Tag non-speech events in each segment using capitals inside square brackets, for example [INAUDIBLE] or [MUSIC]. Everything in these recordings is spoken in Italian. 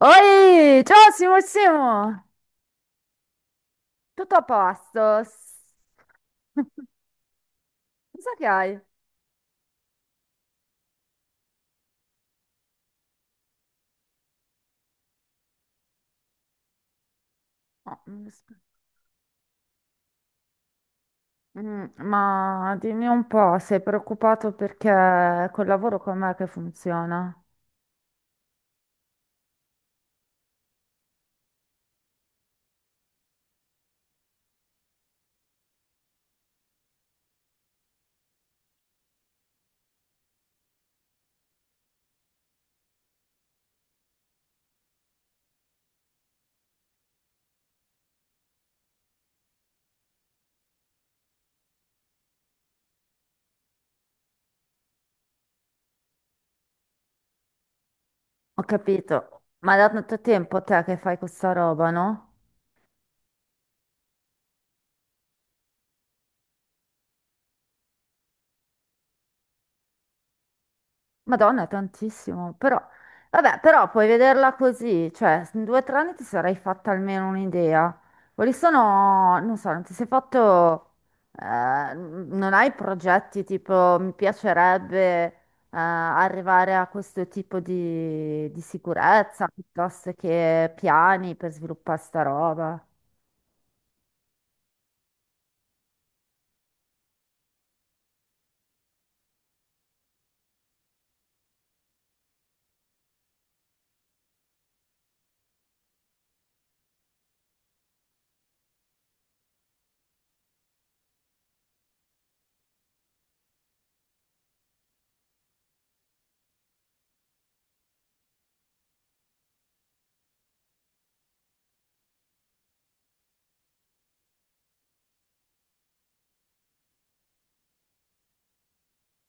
Oi, ciao Simo, tutto a posto? [LAUGHS] Cosa che hai? Oh, ma dimmi un po', sei preoccupato perché col lavoro com'è che funziona? Ho capito, ma da tanto tempo te che fai questa roba, no? Madonna, è tantissimo, però, vabbè, però puoi vederla così, cioè in due o tre anni ti sarai fatta almeno un'idea. Quali sono, non so, non ti sei fatto, non hai progetti tipo mi piacerebbe eh, arrivare a questo tipo di sicurezza piuttosto che piani per sviluppare sta roba?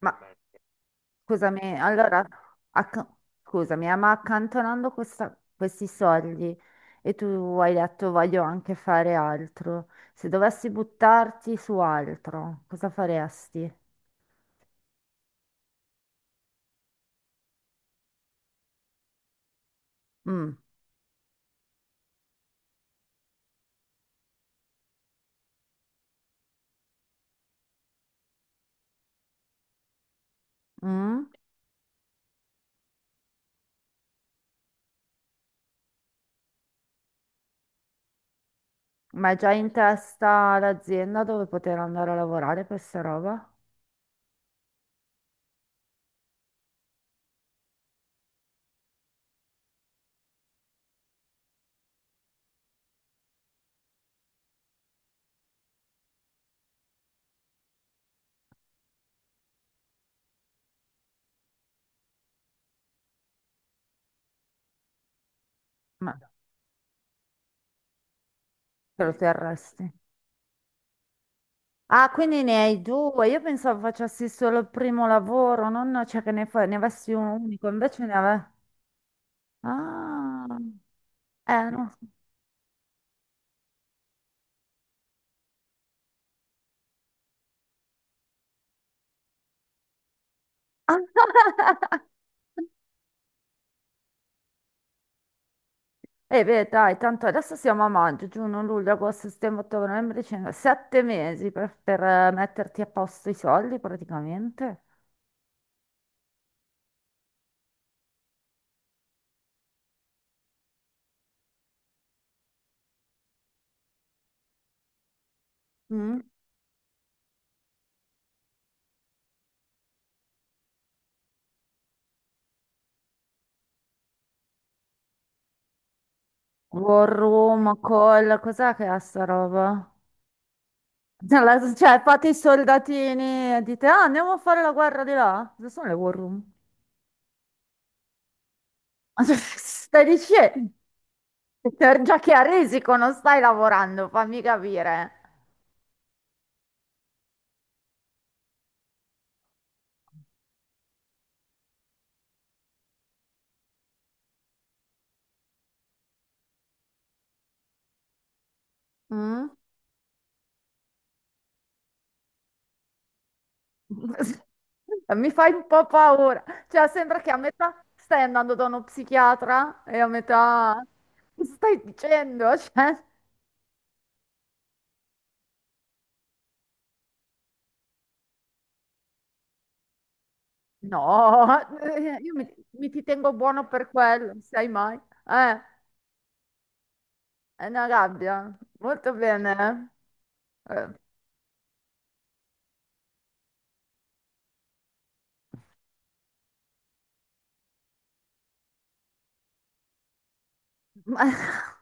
Ma Scusami, allora, acc- scusami, ma accantonando questi soldi e tu hai detto voglio anche fare altro, se dovessi buttarti su altro, cosa faresti? Mm. Mm? Ma hai già in testa l'azienda dove poter andare a lavorare per sta roba? Ma te lo terresti? Ah, quindi ne hai due. Io pensavo facessi solo il primo lavoro, non, cioè che ne, ne avessi un unico, invece ne avevo... Ah, no. [LAUGHS] E beh, dai, tanto adesso siamo a maggio, giugno, luglio, agosto, settembre, ottobre, novembre, dicembre, sette mesi per, metterti a posto i soldi praticamente. Mm. War room, call, cos'è che è sta roba? [LAUGHS] Cioè, fate i soldatini e dite, ah, andiamo a fare la guerra di là. Cosa sono le war room? [LAUGHS] Stai dicendo, già che a risico non stai lavorando, fammi capire. Mm? [LAUGHS] Mi fai un po' paura. Cioè, sembra che a metà stai andando da uno psichiatra e a metà... Che stai dicendo, cioè, no, [LAUGHS] mi ti tengo buono per quello, non sai mai. Eh, è una gabbia. Molto bene. Eh. Eh. Ma... [LAUGHS]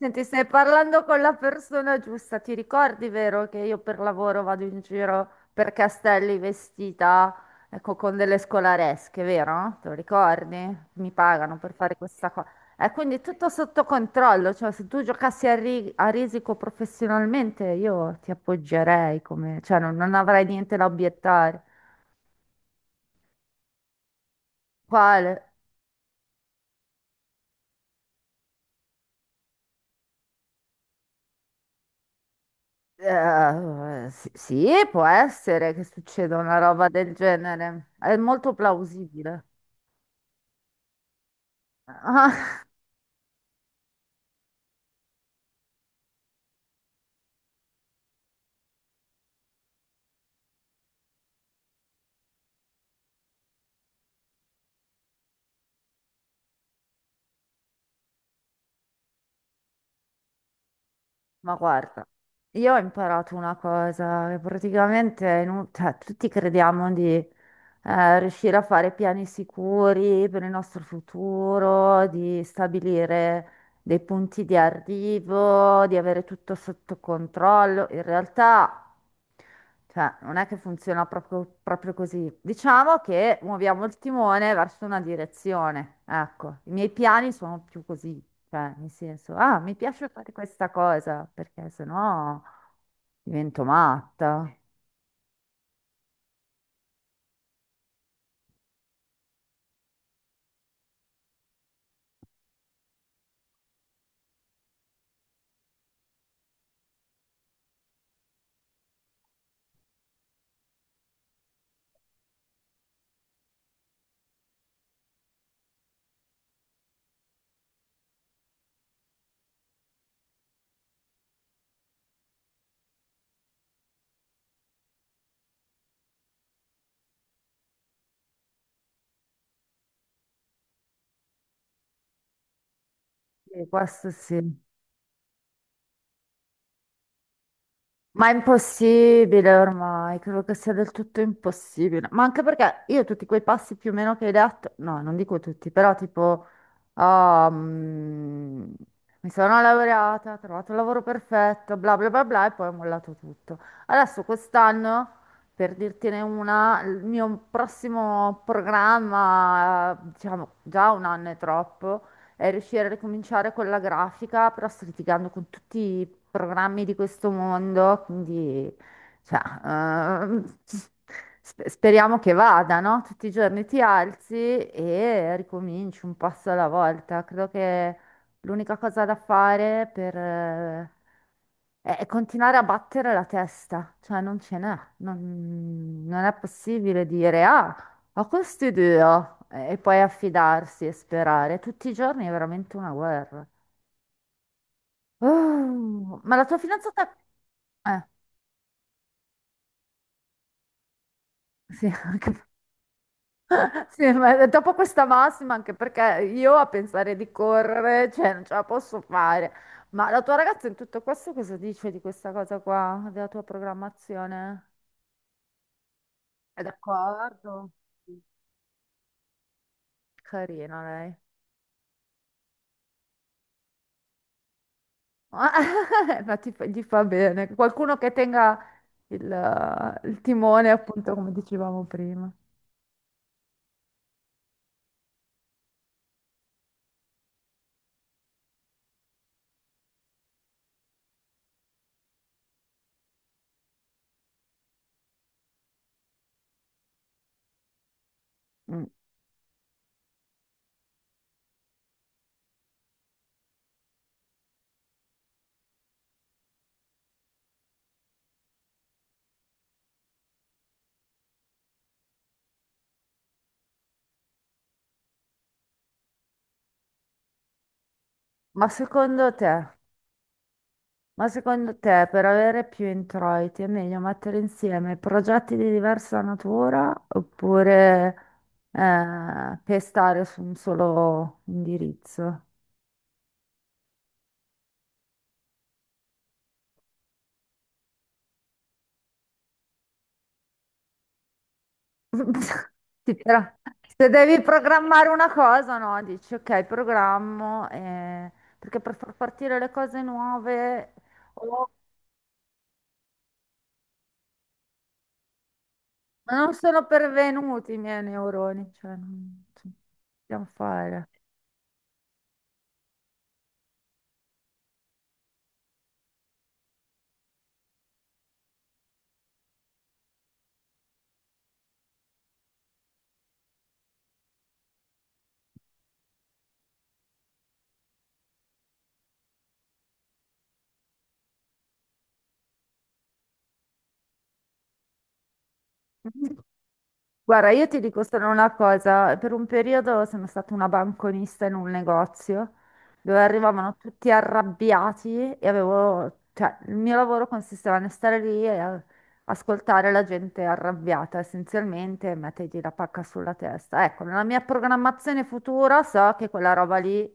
Senti, stai parlando con la persona giusta. Ti ricordi, vero, che io per lavoro vado in giro per castelli vestita, ecco, con delle scolaresche, vero? Te lo ricordi? Mi pagano per fare questa cosa. E quindi è tutto sotto controllo, cioè se tu giocassi a risico professionalmente io ti appoggerei come, cioè non avrei niente da obiettare. Quale? Sì, può essere che succeda una roba del genere. È molto plausibile. [LAUGHS] Ah, ma guarda, io ho imparato una cosa che praticamente è cioè, tutti crediamo di riuscire a fare piani sicuri per il nostro futuro, di stabilire dei punti di arrivo, di avere tutto sotto controllo. In realtà, cioè, non è che funziona proprio così. Diciamo che muoviamo il timone verso una direzione. Ecco, i miei piani sono più così, cioè, nel senso, ah, mi piace fare questa cosa, perché sennò divento matta. E questo sì. Ma è impossibile ormai, credo che sia del tutto impossibile. Ma anche perché io tutti quei passi più o meno che hai detto, no, non dico tutti, però tipo, ah, mi sono laureata, ho trovato il lavoro perfetto, bla bla bla bla, e poi ho mollato tutto. Adesso quest'anno, per dirtene una, il mio prossimo programma, diciamo, già un anno è troppo e riuscire a ricominciare con la grafica, però sto litigando con tutti i programmi di questo mondo, quindi cioè, speriamo che vada, no? Tutti i giorni ti alzi e ricominci un passo alla volta. Credo che l'unica cosa da fare per... è continuare a battere la testa, cioè non ce n'è, non è possibile dire ah, ho questi due, oh, e poi affidarsi e sperare. Tutti i giorni è veramente una guerra. Oh, ma la tua fidanzata... Eh, sì, anche... [LAUGHS] sì, ma dopo questa massima, anche perché io a pensare di correre, cioè, non ce la posso fare. Ma la tua ragazza in tutto questo cosa dice di questa cosa qua, della tua programmazione? È d'accordo? Carina lei. [LAUGHS] Ma gli fa bene. Qualcuno che tenga... il timone, appunto, come dicevamo prima. Mm. Ma secondo te, ma secondo te, per avere più introiti è meglio mettere insieme progetti di diversa natura oppure pestare su un solo indirizzo? [LAUGHS] Sì, però se devi programmare una cosa, no, dici ok, programmo, perché per far partire le cose nuove... O ma non sono pervenuti i miei neuroni, cioè non possiamo fare. [LAUGHS] Guarda, io ti dico solo una cosa, per un periodo sono stata una banconista in un negozio dove arrivavano tutti arrabbiati e avevo, cioè, il mio lavoro consisteva nel stare lì e ascoltare la gente arrabbiata essenzialmente e mettergli la pacca sulla testa. Ecco, nella mia programmazione futura so che quella roba lì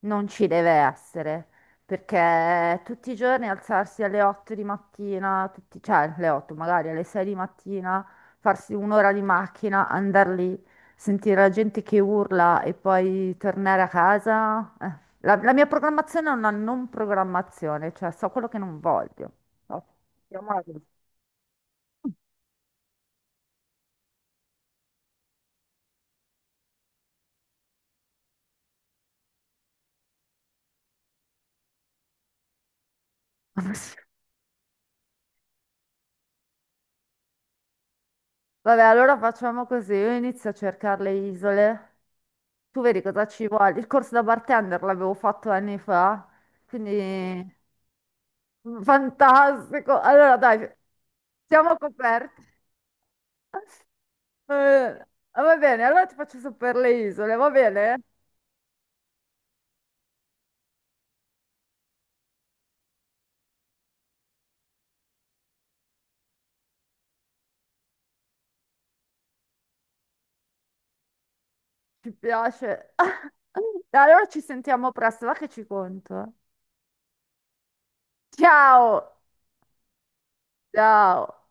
non ci deve essere, perché tutti i giorni alzarsi alle 8 di mattina, cioè alle 8 magari alle 6 di mattina farsi un'ora di macchina, andare lì, sentire la gente che urla e poi tornare a casa. Eh. La mia programmazione è una non programmazione, cioè so quello che non voglio. No, chiamiamola così. [LAUGHS] Vabbè, allora facciamo così, io inizio a cercare le isole, tu vedi cosa ci vuole. Il corso da bartender l'avevo fatto anni fa, quindi fantastico. Allora dai, siamo coperti. Eh, ah, va bene, allora ti faccio sapere le isole, va bene? Ci piace. [LAUGHS] Dai, allora ci sentiamo presto, va che ci conto. Ciao! Ciao!